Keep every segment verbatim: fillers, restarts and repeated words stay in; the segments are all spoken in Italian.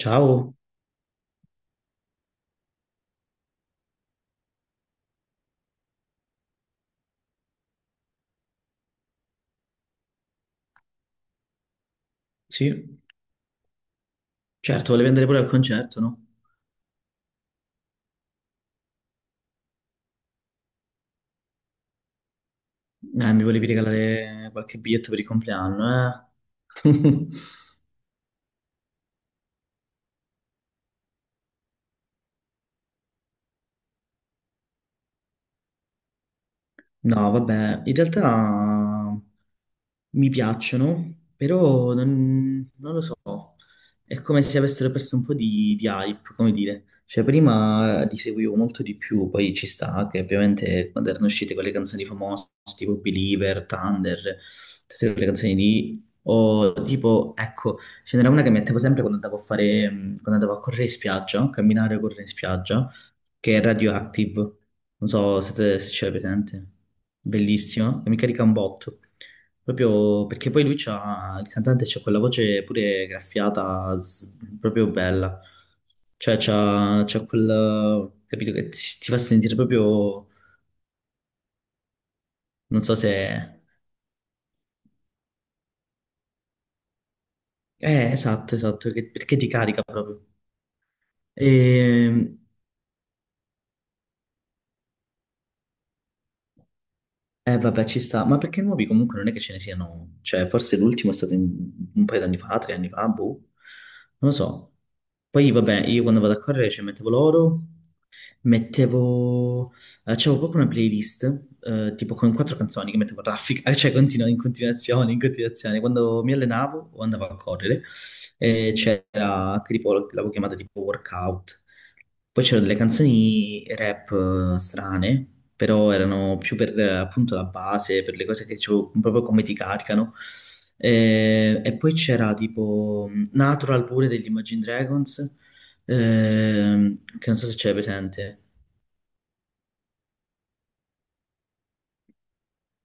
Ciao, sì, certo, volevi andare pure al concerto, no? Eh, mi volevi regalare qualche biglietto per il compleanno, eh? No, vabbè, in realtà mi piacciono, però non, non lo so. È come se avessero perso un po' di, di hype, come dire. Cioè, prima li seguivo molto di più, poi ci sta che ovviamente quando erano uscite quelle canzoni famose, tipo Believer, Thunder, tutte quelle canzoni lì, o tipo, ecco, ce n'era una che mettevo sempre quando andavo a fare, mh, quando andavo a correre in spiaggia, a camminare a correre in spiaggia, che è Radioactive. Non so se, te- se ce l'hai presente. Bellissima, che mi carica un botto. Proprio perché poi lui c'ha, il cantante c'ha quella voce pure graffiata, s- proprio bella. Cioè c'ha, c'ha quel, capito, che ti, ti fa sentire proprio, non so se. Eh, esatto, esatto, che- perché ti carica proprio. E, eh, vabbè, ci sta. Ma perché nuovi comunque non è che ce ne siano. Cioè, forse l'ultimo è stato in- un paio d'anni fa, tre anni fa, boh. Non lo so. Poi, vabbè, io quando vado a correre ci mettevo l'oro. Mettevo, eh, c'avevo proprio una playlist, eh, tipo con quattro canzoni che mettevo a raffica, cioè continu- in continuazione, in continuazione. Quando mi allenavo o andavo a correre, eh, c'era, che tipo, l'avevo chiamata tipo workout. Poi c'erano delle canzoni rap eh, strane, però erano più per eh, appunto la base, per le cose che c'ho- proprio come ti caricano. Eh, e poi c'era tipo mm, Natural pure degli Imagine Dragons, ehm, che non so se c'è presente.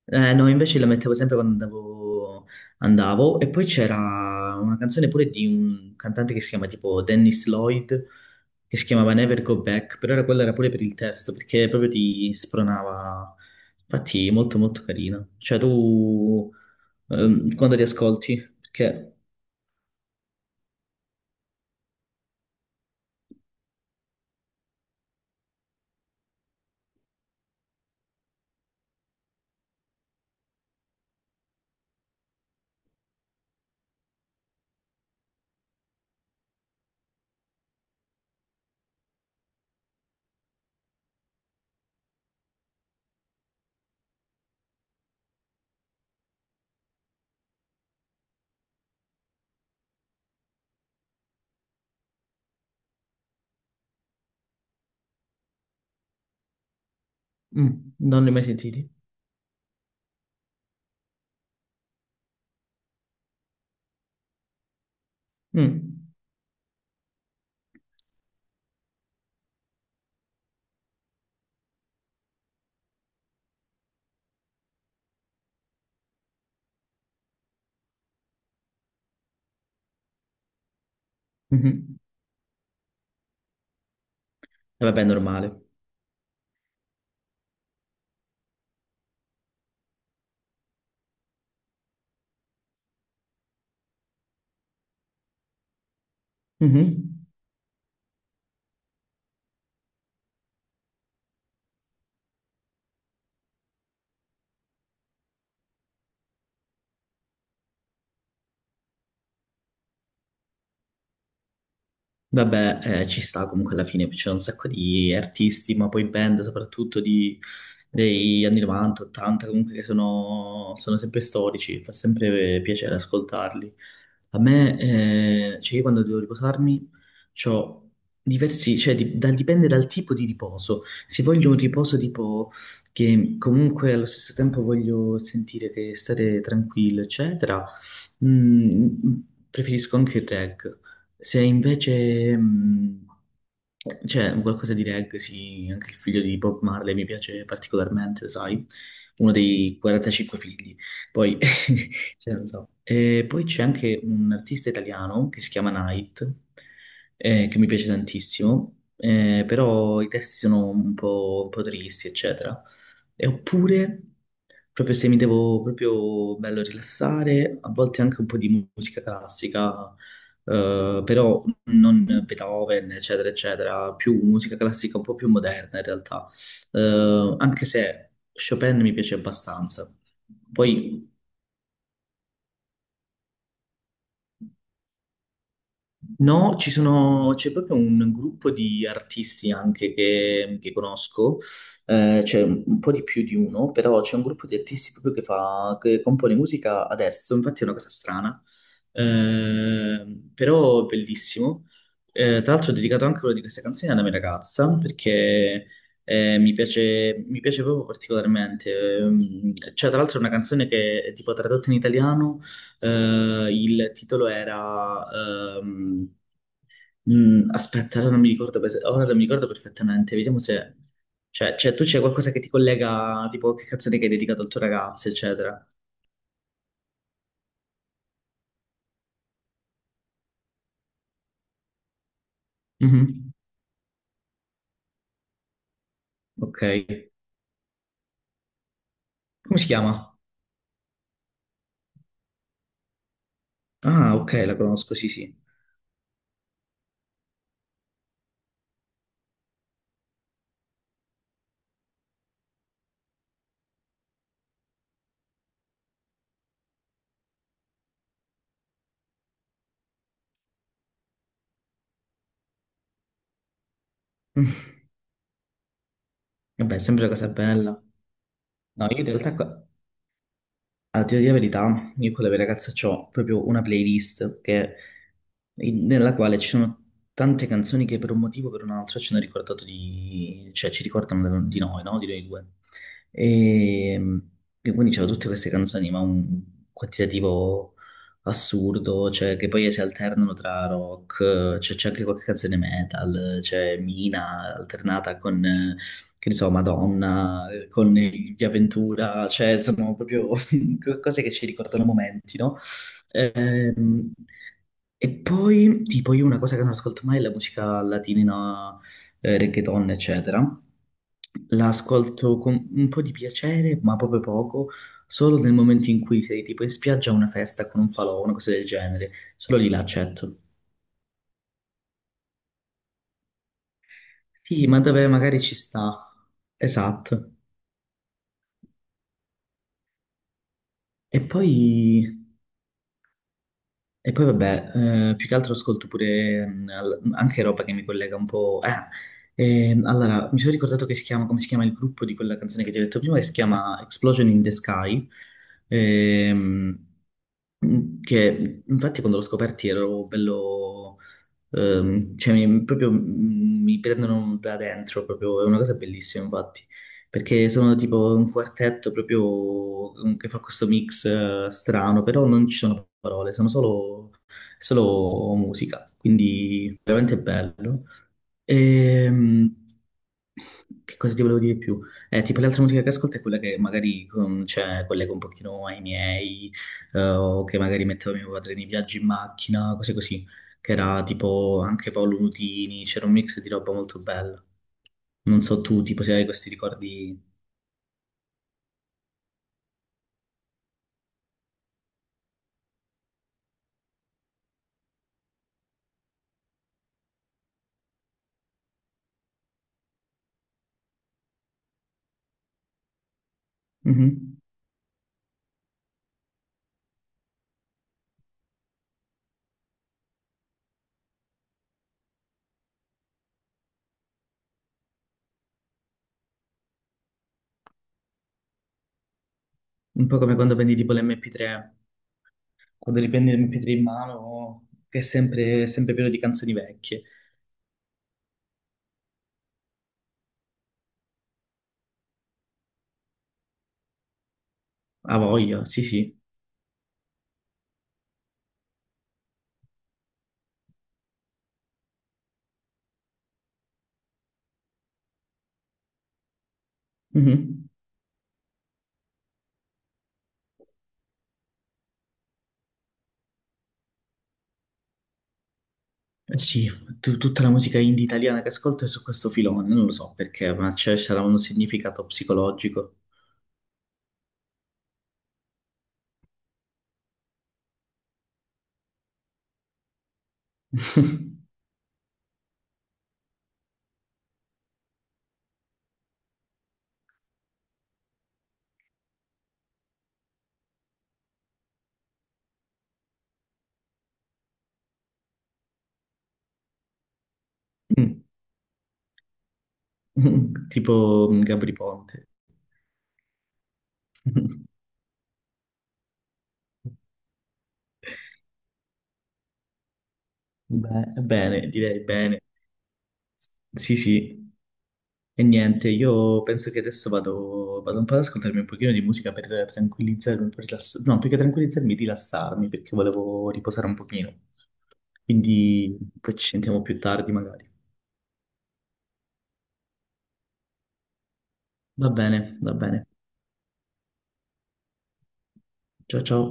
Eh, no, invece la mettevo sempre quando andavo, andavo. E poi c'era una canzone pure di un cantante che si chiama tipo Dennis Lloyd, che si chiamava Never Go Back, però era quella era pure per il testo, perché proprio ti spronava. Infatti, molto molto carina. Cioè, tu ehm, quando li ascolti, perché mm, non li hai mai sentiti? Mm, mhm. E vabbè, è normale. Mhm. Vabbè, eh, ci sta comunque alla fine, c'è un sacco di artisti, ma poi band soprattutto di- degli anni novanta, ottanta, comunque che sono, sono sempre storici, fa sempre eh, piacere ascoltarli. A me, eh, cioè io quando devo riposarmi, ho diversi, cioè di- dal- dipende dal tipo di riposo. Se voglio un riposo tipo che comunque allo stesso tempo voglio sentire che stare tranquillo, eccetera, Mm, preferisco anche il reg. Se invece, mm, c'è qualcosa di reg, sì, anche il figlio di Bob Marley mi piace particolarmente, sai, uno dei quarantacinque figli. Poi, cioè, non so. E poi c'è anche un artista italiano che si chiama Night, eh, che mi piace tantissimo, eh, però i testi sono un po', un po' tristi, eccetera. E oppure, proprio se mi devo proprio bello rilassare, a volte anche un po' di musica classica, eh, però non Beethoven, eccetera, eccetera, più musica classica un po' più moderna in realtà. Eh, anche se Chopin mi piace abbastanza. Poi no, ci sono, c'è proprio un gruppo di artisti anche che, che conosco, eh, c'è un, un po' di più di uno, però c'è un gruppo di artisti proprio che fa, che compone musica adesso, infatti è una cosa strana, eh, però bellissimo. Eh, tra l'altro ho dedicato anche una di queste canzoni alla mia ragazza, perché eh, mi piace, mi piace proprio particolarmente. Ehm, Cioè, tra l'altro è una canzone che è tipo tradotta in italiano, eh, il titolo era, ehm, mm, aspetta, ora non mi ricordo, pers- ora non mi ricordo perfettamente, vediamo se. Cioè, cioè, tu c'è qualcosa che ti collega, tipo che canzone che hai dedicato al tuo ragazzo, eccetera. Mhm. Ok. Come si chiama? Ah, ok, la conosco, sì, sì. Mm. Vabbè, è sempre una cosa bella. No, io in realtà, qua- a dire la verità, io con le mie ragazze ho proprio una playlist che in- nella quale ci sono tante canzoni che per un motivo o per un altro ci hanno ricordato di, cioè ci ricordano del- di noi, no? Di noi due. E, e quindi c'erano tutte queste canzoni, ma un quantitativo assurdo, cioè che poi si alternano tra rock, cioè c'è anche qualche canzone metal, c'è Mina alternata con, eh, che ne so, Madonna, eh, con gli Aventura, cioè sono proprio co- cose che ci ricordano momenti, no? Ehm, e poi, tipo, io una cosa che non ascolto mai è la musica latina, eh, reggaeton, eccetera. La ascolto con un po' di piacere, ma proprio poco, solo nel momento in cui sei tipo in spiaggia a una festa con un falò, una cosa del genere. Solo lì la accetto. Sì, ma dove magari ci sta. Esatto. E poi E poi vabbè, eh, più che altro ascolto pure mm, al- anche roba che mi collega un po'. Ah, ehm, allora, mi sono ricordato che si chiama, come si chiama il gruppo di quella canzone che ti ho detto prima, che si chiama Explosion in the Sky, ehm, che infatti quando l'ho scoperti ero bello. Ehm, cioè, mi, proprio mm, mi prendono da dentro, proprio, è una cosa bellissima, infatti, perché sono tipo un quartetto proprio mm, che fa questo mix eh, strano, però non ci sono parole, sono solo, solo musica, quindi veramente bello. Ehm, che cosa ti volevo dire di più? Eh, tipo l'altra musica che ascolto è quella che magari con, cioè, collego un pochino ai miei, eh, o che magari mettevo mio padre nei viaggi in macchina, cose così, che era tipo anche Paolo Nutini, c'era un mix di roba molto bella. Non so tu, tipo se hai questi ricordi. Mhm. Un po' come quando prendi tipo l'M P tre, quando riprendi l'M P tre in mano, che è sempre, sempre pieno di canzoni vecchie. A voglia, sì sì. Mhm. Sì, tu- tutta la musica indie italiana che ascolto è su questo filone, non lo so perché, ma c'è sarà un significato psicologico. Tipo mm, Gabri Ponte. Beh, bene, direi bene. Sì, sì. E niente, io penso che adesso vado, vado un po' ad ascoltarmi un pochino di musica per tranquillizzarmi, un po' rilass- no, più che tranquillizzarmi, rilassarmi, perché volevo riposare un pochino. Quindi poi ci sentiamo più tardi magari. Va bene, va bene. Ciao ciao.